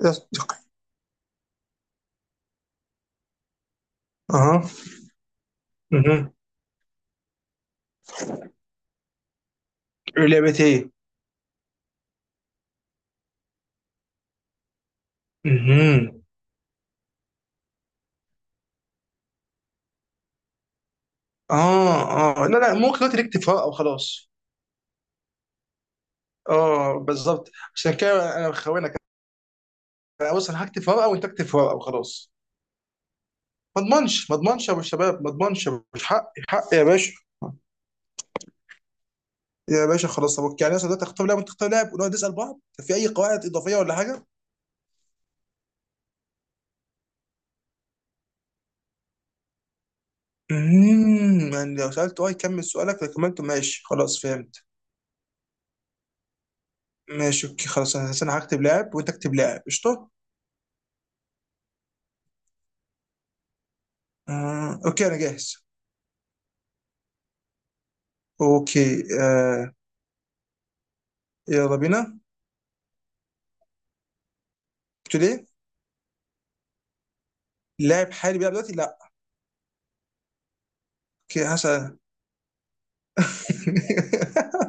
اها. اها. لعبتين مهم. اه. اه لا، لا ممكن دلوقتي نكتب فراغ او خلاص. اه بالظبط عشان كده انا بخونك. انا بص، انا هكتب فراغ او انت اكتب فراغ او خلاص. ما اضمنش يا ابو الشباب، ما اضمنش. مش حقي، حقي يا باشا. يا باشا خلاص، طب يعني مثلا دلوقتي اختار لاعب وانت تختار لاعب ونقعد نسال بعض. في اي قواعد اضافيه ولا حاجه؟ يعني لو سالت اه يكمل سؤالك، لو كملته ماشي، خلاص فهمت. ماشي اوكي خلاص، انا هكتب لاعب وانت اكتب لاعب قشطه. اوكي انا جاهز. اوكي يلا بينا. قلت له ليه؟ لاعب حالي بيلعب دلوقتي؟ لا. اوكي هسأل.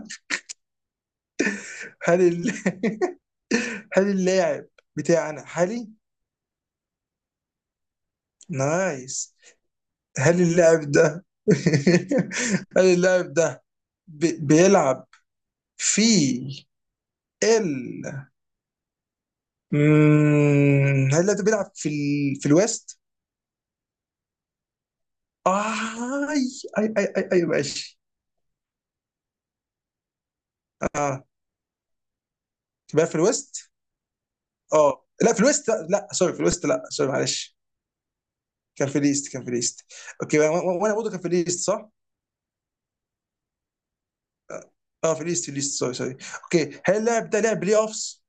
هل ال... هل اللاعب بتاعنا حالي؟ نايس. هل اللاعب ده هل اللاعب ده بيلعب في ال هل اللاعب ده بيلعب في في الويست؟ اي أي، ماشي. اه بيلعب في الويست. اه لا، في الويست لا, لا. سوري، في الويست لا، سوري معلش. كان في ليست، كان في ليست. اوكي وانا برضه كان في ليست صح؟ اه في ليست، في ليست، سوري سوري. اوكي، هل اللاعب ده لعب بلاي اوفس؟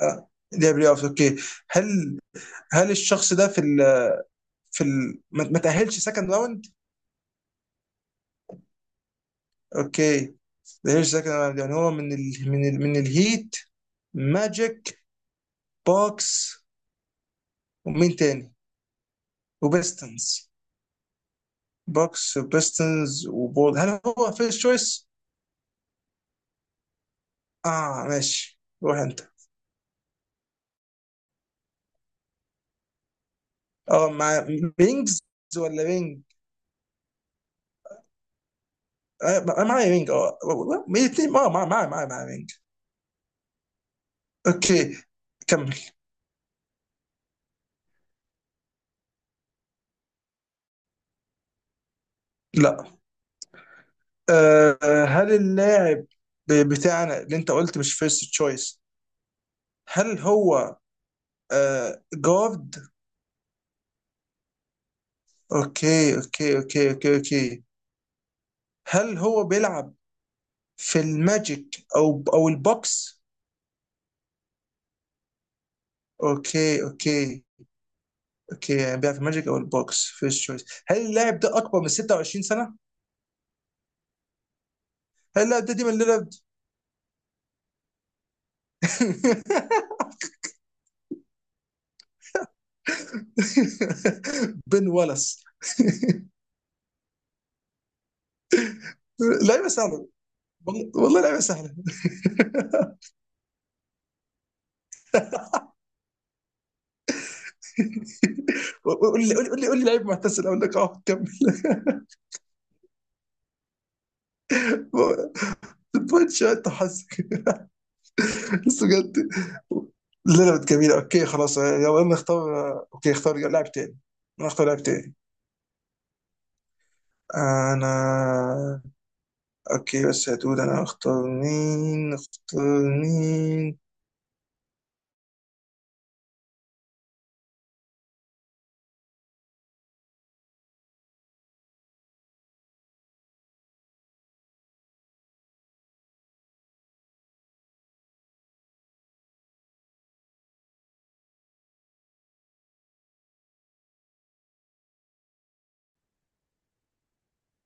آه لعب بلاي اوفس اوكي. هل هل الشخص ده في في ال ما تأهلش سكند راوند؟ اوكي، ما تأهلش سكند راوند، يعني هو من ال من ال من الهيت، ماجيك، بوكس، ومين تاني؟ وبيستنز. بوكس وبيستنز وبول. هل هو فيرست تشويس؟ اه ماشي روح انت. اه، مع بينجز ولا بينج؟ معايا وينج اه. الاثنين اه، معايا وينج. اوكي كمل. لا آه، هل اللاعب بتاعنا اللي انت قلت مش فيرست تشويس، هل هو جارد؟ اوكي اوكي. هل هو بيلعب في الماجيك او البوكس؟ اوكي اوكي. اوكي يعني بيلعب في الماجيك او البوكس فيرست تشويس. هل اللاعب ده اكبر من 26 سنة؟ هل اللاعب ده ديمون ليلارد؟ بن والاس. لعيبه سهله، والله والله لعيبه سهله. قول لي لعيب معتزل اقول لك اه كمل. بوينت شوت حظك. بس بجد لا لا، جميلة. اوكي خلاص يلا نختار، اوكي اختار لاعب تاني. انا اختار لاعب تاني انا. اوكي بس يا دود انا اختار مين، اختار مين؟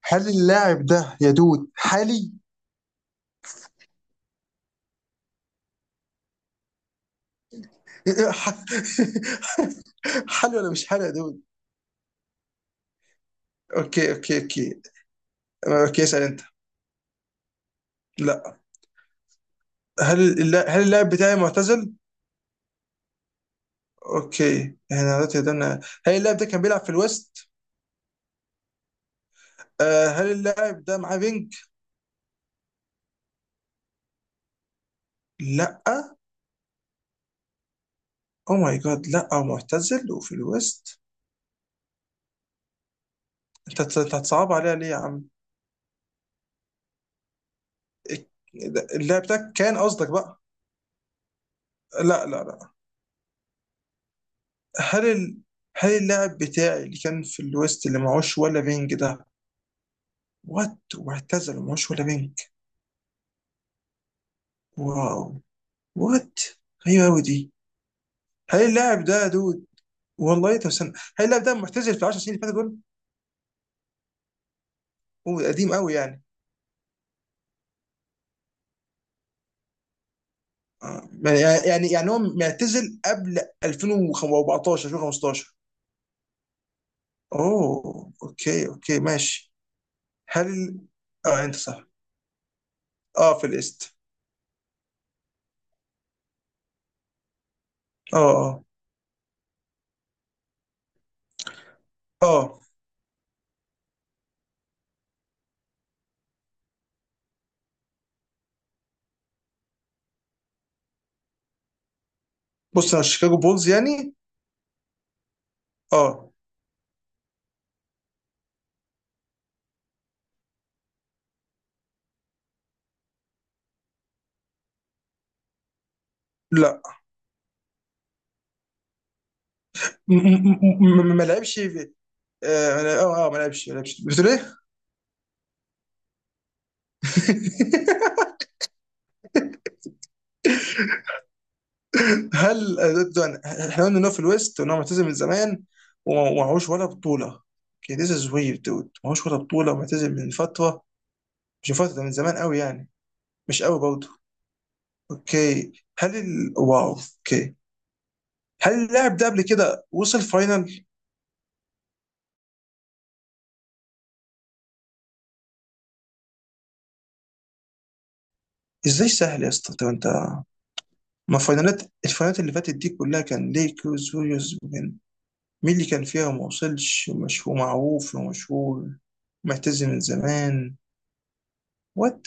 هل اللاعب ده يا دود حالي؟ حالي ولا مش حالي يا دود؟ اوكي اوكي اوكي اوكي اسال انت. لا. هل اللاعب بتاعي معتزل؟ اوكي احنا دلوقتي قدرنا. هل اللاعب ده كان بيلعب في الويست؟ آه هل اللاعب ده معاه بينج؟ لا. او ماي جاد، لا معتزل وفي الويست. انت هتصعب عليها ليه يا عم؟ إك- اللاعب ده كان قصدك بقى. لا لا لا. هل ال... هل اللاعب بتاعي اللي كان في الويست اللي معهوش ولا بينج ده، وات، واعتزل ومعهوش ولا بينج. واو. وات. غريبة أوي دي. هل اللاعب ده يا دود، والله طب استنى، هل اللاعب ده معتزل في 10 سنين اللي فاتوا دول؟ هو قديم قوي يعني؟ آه، يعني يعني هو معتزل قبل 2014 2015؟ اوه اوكي اوكي ماشي. هل اه انت صح، اه في الايست. اه اه اه. بص انا شيكاغو بولز يعني. اه. لا ما لعبش في- اه ما لعب- اه ما لعبش، ما لعبش، بتقول ايه؟ هل ضد، احنا قلنا انه في الويست وان هو معتزل من زمان ومعهوش ولا بطوله. اوكي ذيس از ويرد دود، معهوش ولا بطوله ومعتزل من فتره، مش من فتره، ده من زمان قوي يعني؟ مش قوي برضه. اوكي واو. اوكي هل اللاعب ده قبل كده وصل فاينل؟ ازاي سهل يا اسطى، طب انت ما فاينالات الفاينالات اللي فاتت دي كلها كان ليكرز ويوز، مين مين اللي كان فيها وما وصلش ومش ومعروف ومشهور معتزل من زمان؟ وات.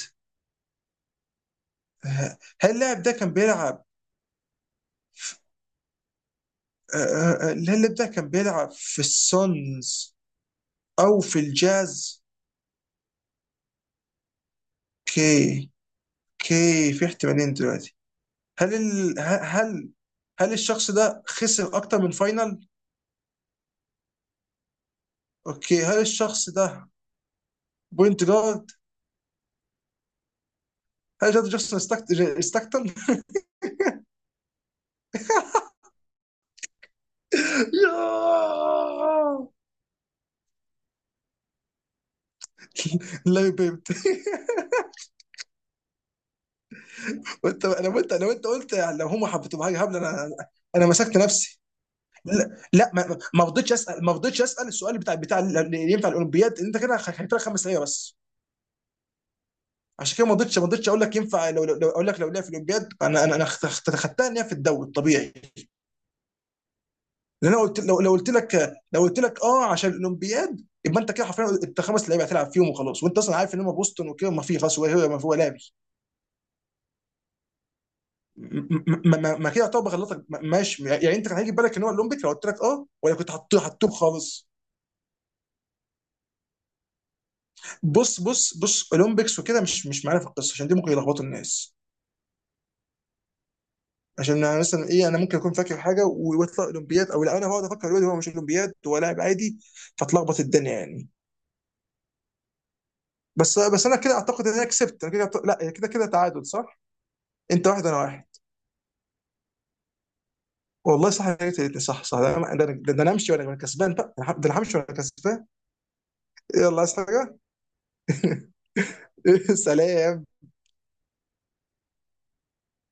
هل اللاعب ده كان بيلعب آه، الهلب ده كان بيلعب في السونز او في الجاز؟ كي. كي في احتمالين دلوقتي. هل ال... ه- هل هل الشخص ده خسر اكتر من فاينل؟ اوكي هل الشخص ده بوينت جارد؟ هل ده جاستن ستاكتون؟ ياه! لا بيبت. وانت لو انت قلت لو هم حبتوا حاجه هبل انا، انا مسكت نفسي. لا لا، ما رضيتش اسال، ما رضيتش اسال السؤال بتاع اللي ينفع الاولمبياد، انت كده خدت لك خمس اسئله بس. عشان كده ما رضيتش، ما رضيتش اقول لك ينفع، اقول لك لو لعب في الاولمبياد، انا انا انا خدتها ان هي في الدوري الطبيعي. لان انا قلت لو، لو قلت لك اه عشان الاولمبياد، يبقى انت كده حرفيا انت خمس لعيبه هتلعب فيهم وخلاص، وانت اصلا عارف ان هم بوسطن وكده، ما في خلاص، هو ما هو لاعب. ما كده يعتبر غلطك ماشي؟ يعني انت كان هيجي في بالك ان هو الاولمبيك لو قلت لك اه، ولا كنت حطيته خالص؟ بص اولمبيكس وكده مش مش معانا في القصه، عشان دي ممكن يلخبطوا الناس. عشان انا مثلا ايه، انا ممكن اكون فاكر حاجه ويطلع اولمبياد، او لا انا بقعد افكر دلوقتي هو مش اولمبياد، هو لاعب عادي، فتلخبط الدنيا يعني. بس انا كده اعتقد ان انا كسبت، انا كده لا كده كده تعادل صح؟ انت واحد انا واحد. والله صح، أنا جبت الاتنين، صح صح. ده أنا همشي وانا كسبان بقى، ده انا همشي وانا كسبان. يلا عايز حاجه؟ سلام.